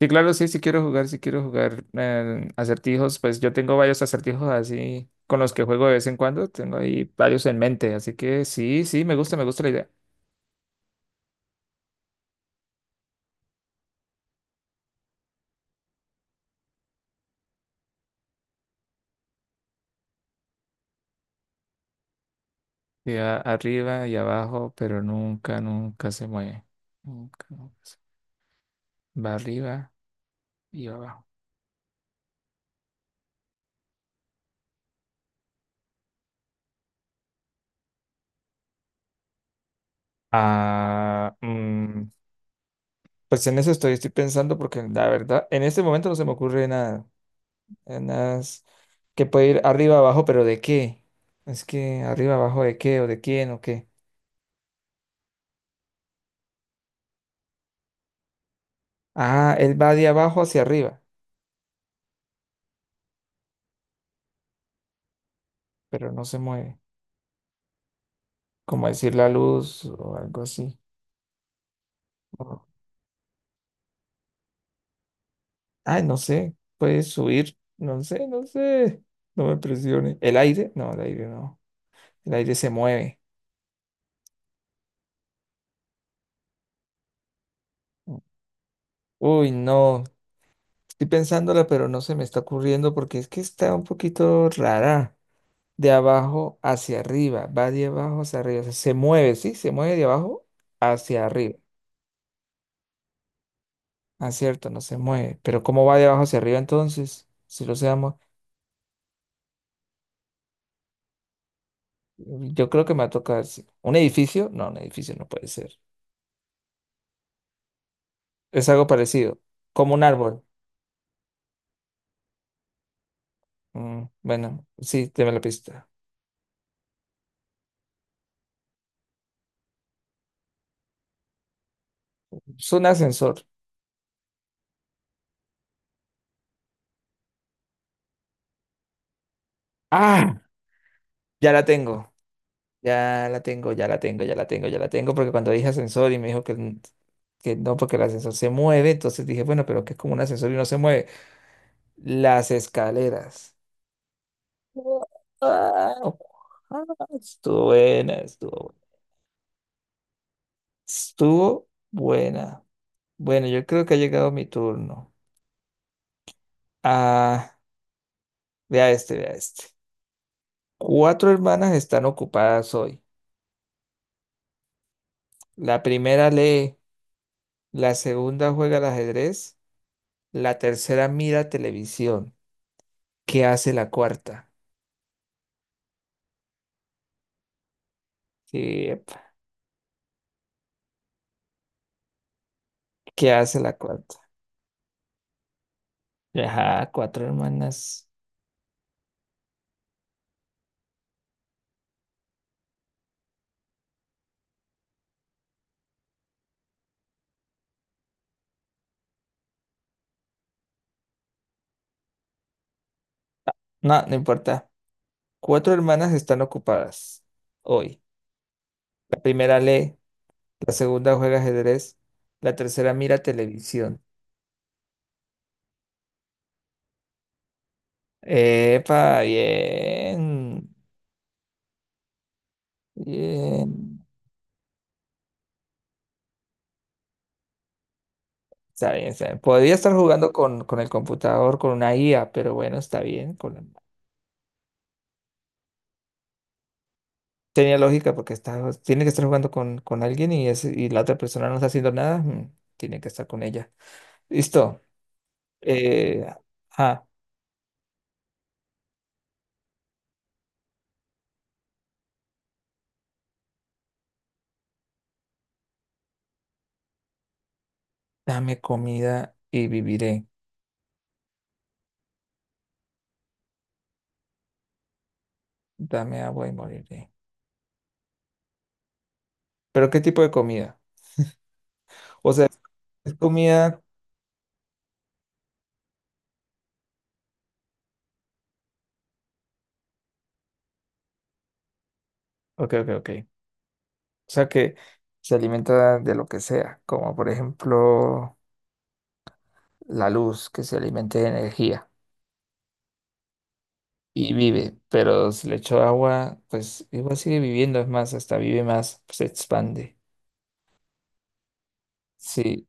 Sí, claro, sí, sí quiero jugar acertijos, pues yo tengo varios acertijos así con los que juego de vez en cuando, tengo ahí varios en mente, así que sí, sí, me gusta la idea. Y arriba y abajo, pero nunca, nunca se mueve. Nunca, Va arriba y va abajo. Ah, pues en eso estoy pensando porque la verdad, en este momento no se me ocurre nada, eh, nada es- que puede ir arriba, abajo, pero ¿de qué? Es que arriba, abajo, ¿de qué? ¿O de quién? ¿O qué? Ah, él va de abajo hacia arriba, pero no se mueve. Como decir la luz o algo así. O- Ay, no sé. Puede subir. No sé, no sé. No me presione. ¿El aire? No, el aire no. El aire se mueve. Uy, no. Estoy pensándola, pero no se me está ocurriendo porque es que está un poquito rara. De abajo hacia arriba. Va de abajo hacia arriba. O sea, se mueve, ¿sí? Se mueve de abajo hacia arriba. Ah, cierto, no se mueve. Pero ¿cómo va de abajo hacia arriba entonces? Si lo se. Yo creo que me va a tocar. Sí. ¿Un edificio? No, un edificio no puede ser. Es algo parecido. Como un árbol. Bueno, sí, deme la pista. Es un ascensor. ¡Ah! Ya la tengo. Ya la tengo, ya la tengo, ya la tengo, ya la tengo. Porque cuando dije ascensor y me dijo que, que no, porque el ascensor se mueve, entonces dije, bueno, pero que es como un ascensor y no se mueve. Las escaleras. ¡Guau! Ah, estuvo buena, estuvo buena. Estuvo buena. Bueno, yo creo que ha llegado mi turno. Ah, vea este, vea este. Cuatro hermanas están ocupadas hoy. La primera lee, la segunda juega al ajedrez, la tercera mira televisión. ¿Qué hace la cuarta? ¿Qué, qué hace la cuarta? Ajá, cuatro hermanas. No, no importa. Cuatro hermanas están ocupadas hoy. La primera lee, la segunda juega ajedrez, la tercera mira televisión. Epa, bien, bien. Está bien, está bien. Podría estar jugando con, el computador, con una IA, pero bueno, está bien. Con... Tenía lógica porque tiene que estar jugando con alguien y la otra persona no está haciendo nada. Tiene que estar con ella. Listo. Eh, ah, dame comida y viviré. Dame agua y moriré. ¿Pero qué tipo de comida? O sea, es comida. Ok, ok, ok. O sea que se alimenta de lo que sea, como por ejemplo, la luz que se alimente de energía y vive, pero si le echo agua, pues igual sigue viviendo, es más, hasta vive más, pues, se expande. Sí,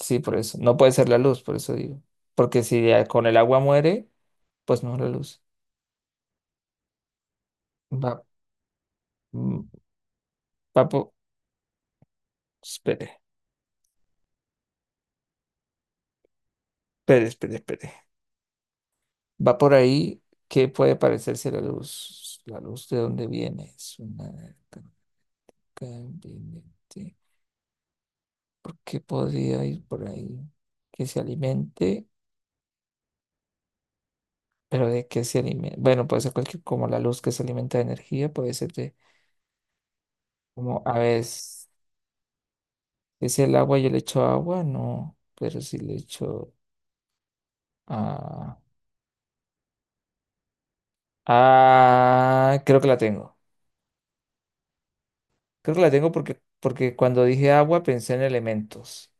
sí, por eso. No puede ser la luz, por eso digo. Porque si ya con el agua muere, pues no es la luz. Va, mm, va por... Espere, espere, espere, espere. Va por ahí, ¿qué puede parecerse a la luz? La luz de dónde viene. Es una... ¿Qué podría ir por ahí? Que se alimente. Pero de qué se alimenta. Bueno, puede ser cualquier, como la luz que se alimenta de energía, puede ser de, como a veces, es el agua, yo le echo agua, no, pero si le echo. Ah, ah, creo que la tengo. Creo que la tengo porque cuando dije agua pensé en elementos.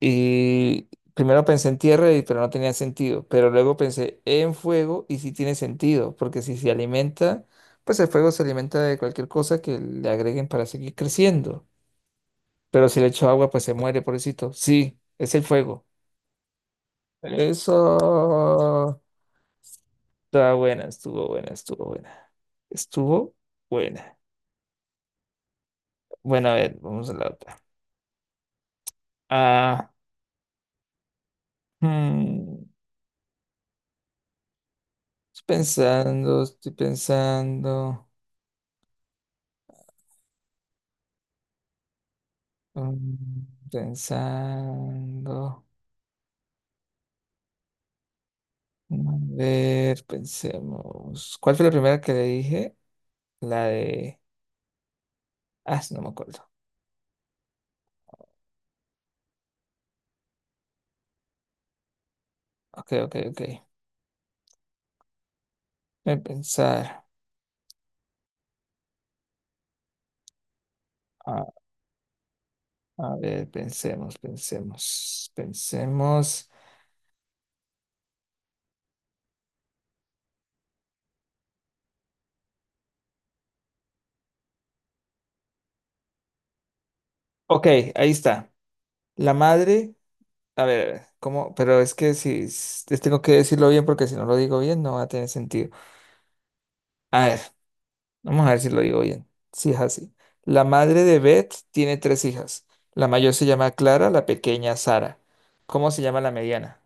Y primero pensé en tierra, pero no tenía sentido. Pero luego pensé en fuego y sí tiene sentido, porque si se alimenta, pues el fuego se alimenta de cualquier cosa que le agreguen para seguir creciendo. Pero si le echo agua, pues se muere, pobrecito. Sí, es el fuego. Eso. Está buena, estuvo buena, estuvo buena. Estuvo buena. Bueno, a ver, vamos a la otra. Ah, hmm, estoy pensando, estoy pensando. Pensando. A ver, pensemos. ¿Cuál fue la primera que le dije? La de. Ah, no me acuerdo. Ok, ok, ok. Voy a pensar. A ver, pensemos, pensemos, pensemos. Ok, ahí está. La madre, a ver, ¿cómo? Pero es que si les tengo que decirlo bien porque si no lo digo bien no va a tener sentido. A ver, vamos a ver si lo digo bien. Sí, es así. La madre de Beth tiene tres hijas. La mayor se llama Clara, la pequeña Sara. ¿Cómo se llama la mediana?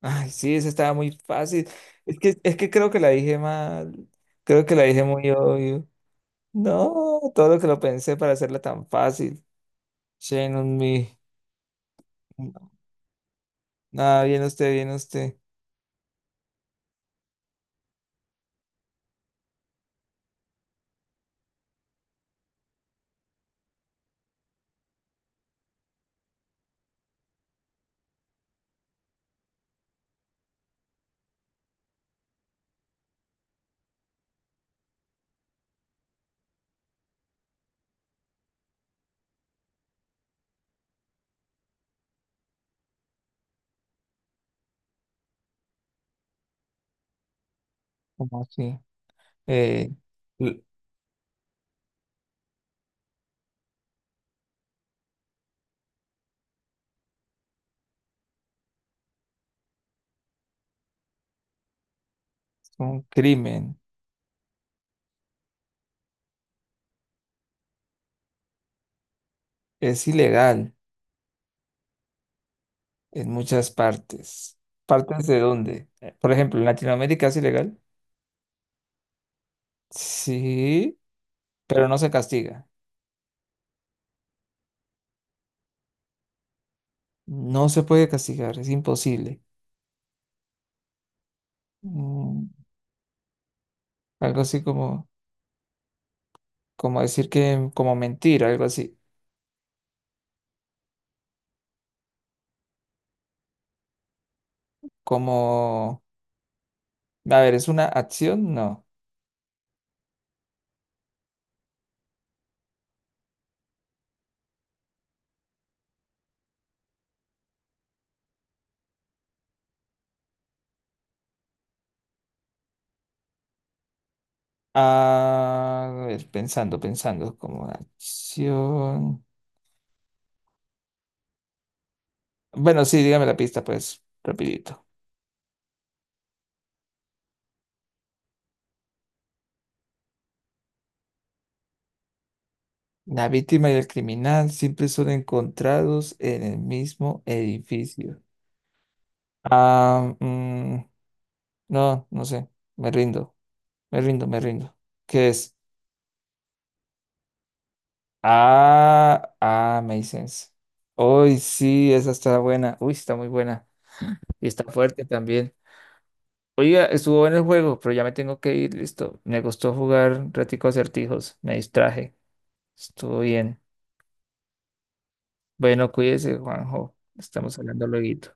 Ay, sí, esa estaba muy fácil. Es que creo que la dije mal. Creo que la dije muy obvio. No, todo lo que lo pensé para hacerla tan fácil. Shame on me. No, nada, bien usted, bien usted. ¿Cómo así? Eh, l- un crimen. Es ilegal en muchas partes. ¿Partes de dónde? Por ejemplo, en Latinoamérica es ilegal. Sí, pero no se castiga. No se puede castigar, es imposible. Mm, algo así como, decir que, como mentir, algo así. Como, a ver, ¿es una acción? No. Ah, a ver, pensando, pensando, como acción. Bueno, sí, dígame la pista, pues, rapidito. La víctima y el criminal siempre son encontrados en el mismo edificio. Ah, no, no sé. Me rindo, me rindo, me rindo. ¿Qué es? Ah, Masons. Uy, sí, esa está buena. Uy, está muy buena. Y está fuerte también. Oiga, estuvo en el juego, pero ya me tengo que ir, listo. Me gustó jugar un ratico acertijos, me distraje. Estuvo bien. Bueno, cuídese, Juanjo. Estamos hablando luego.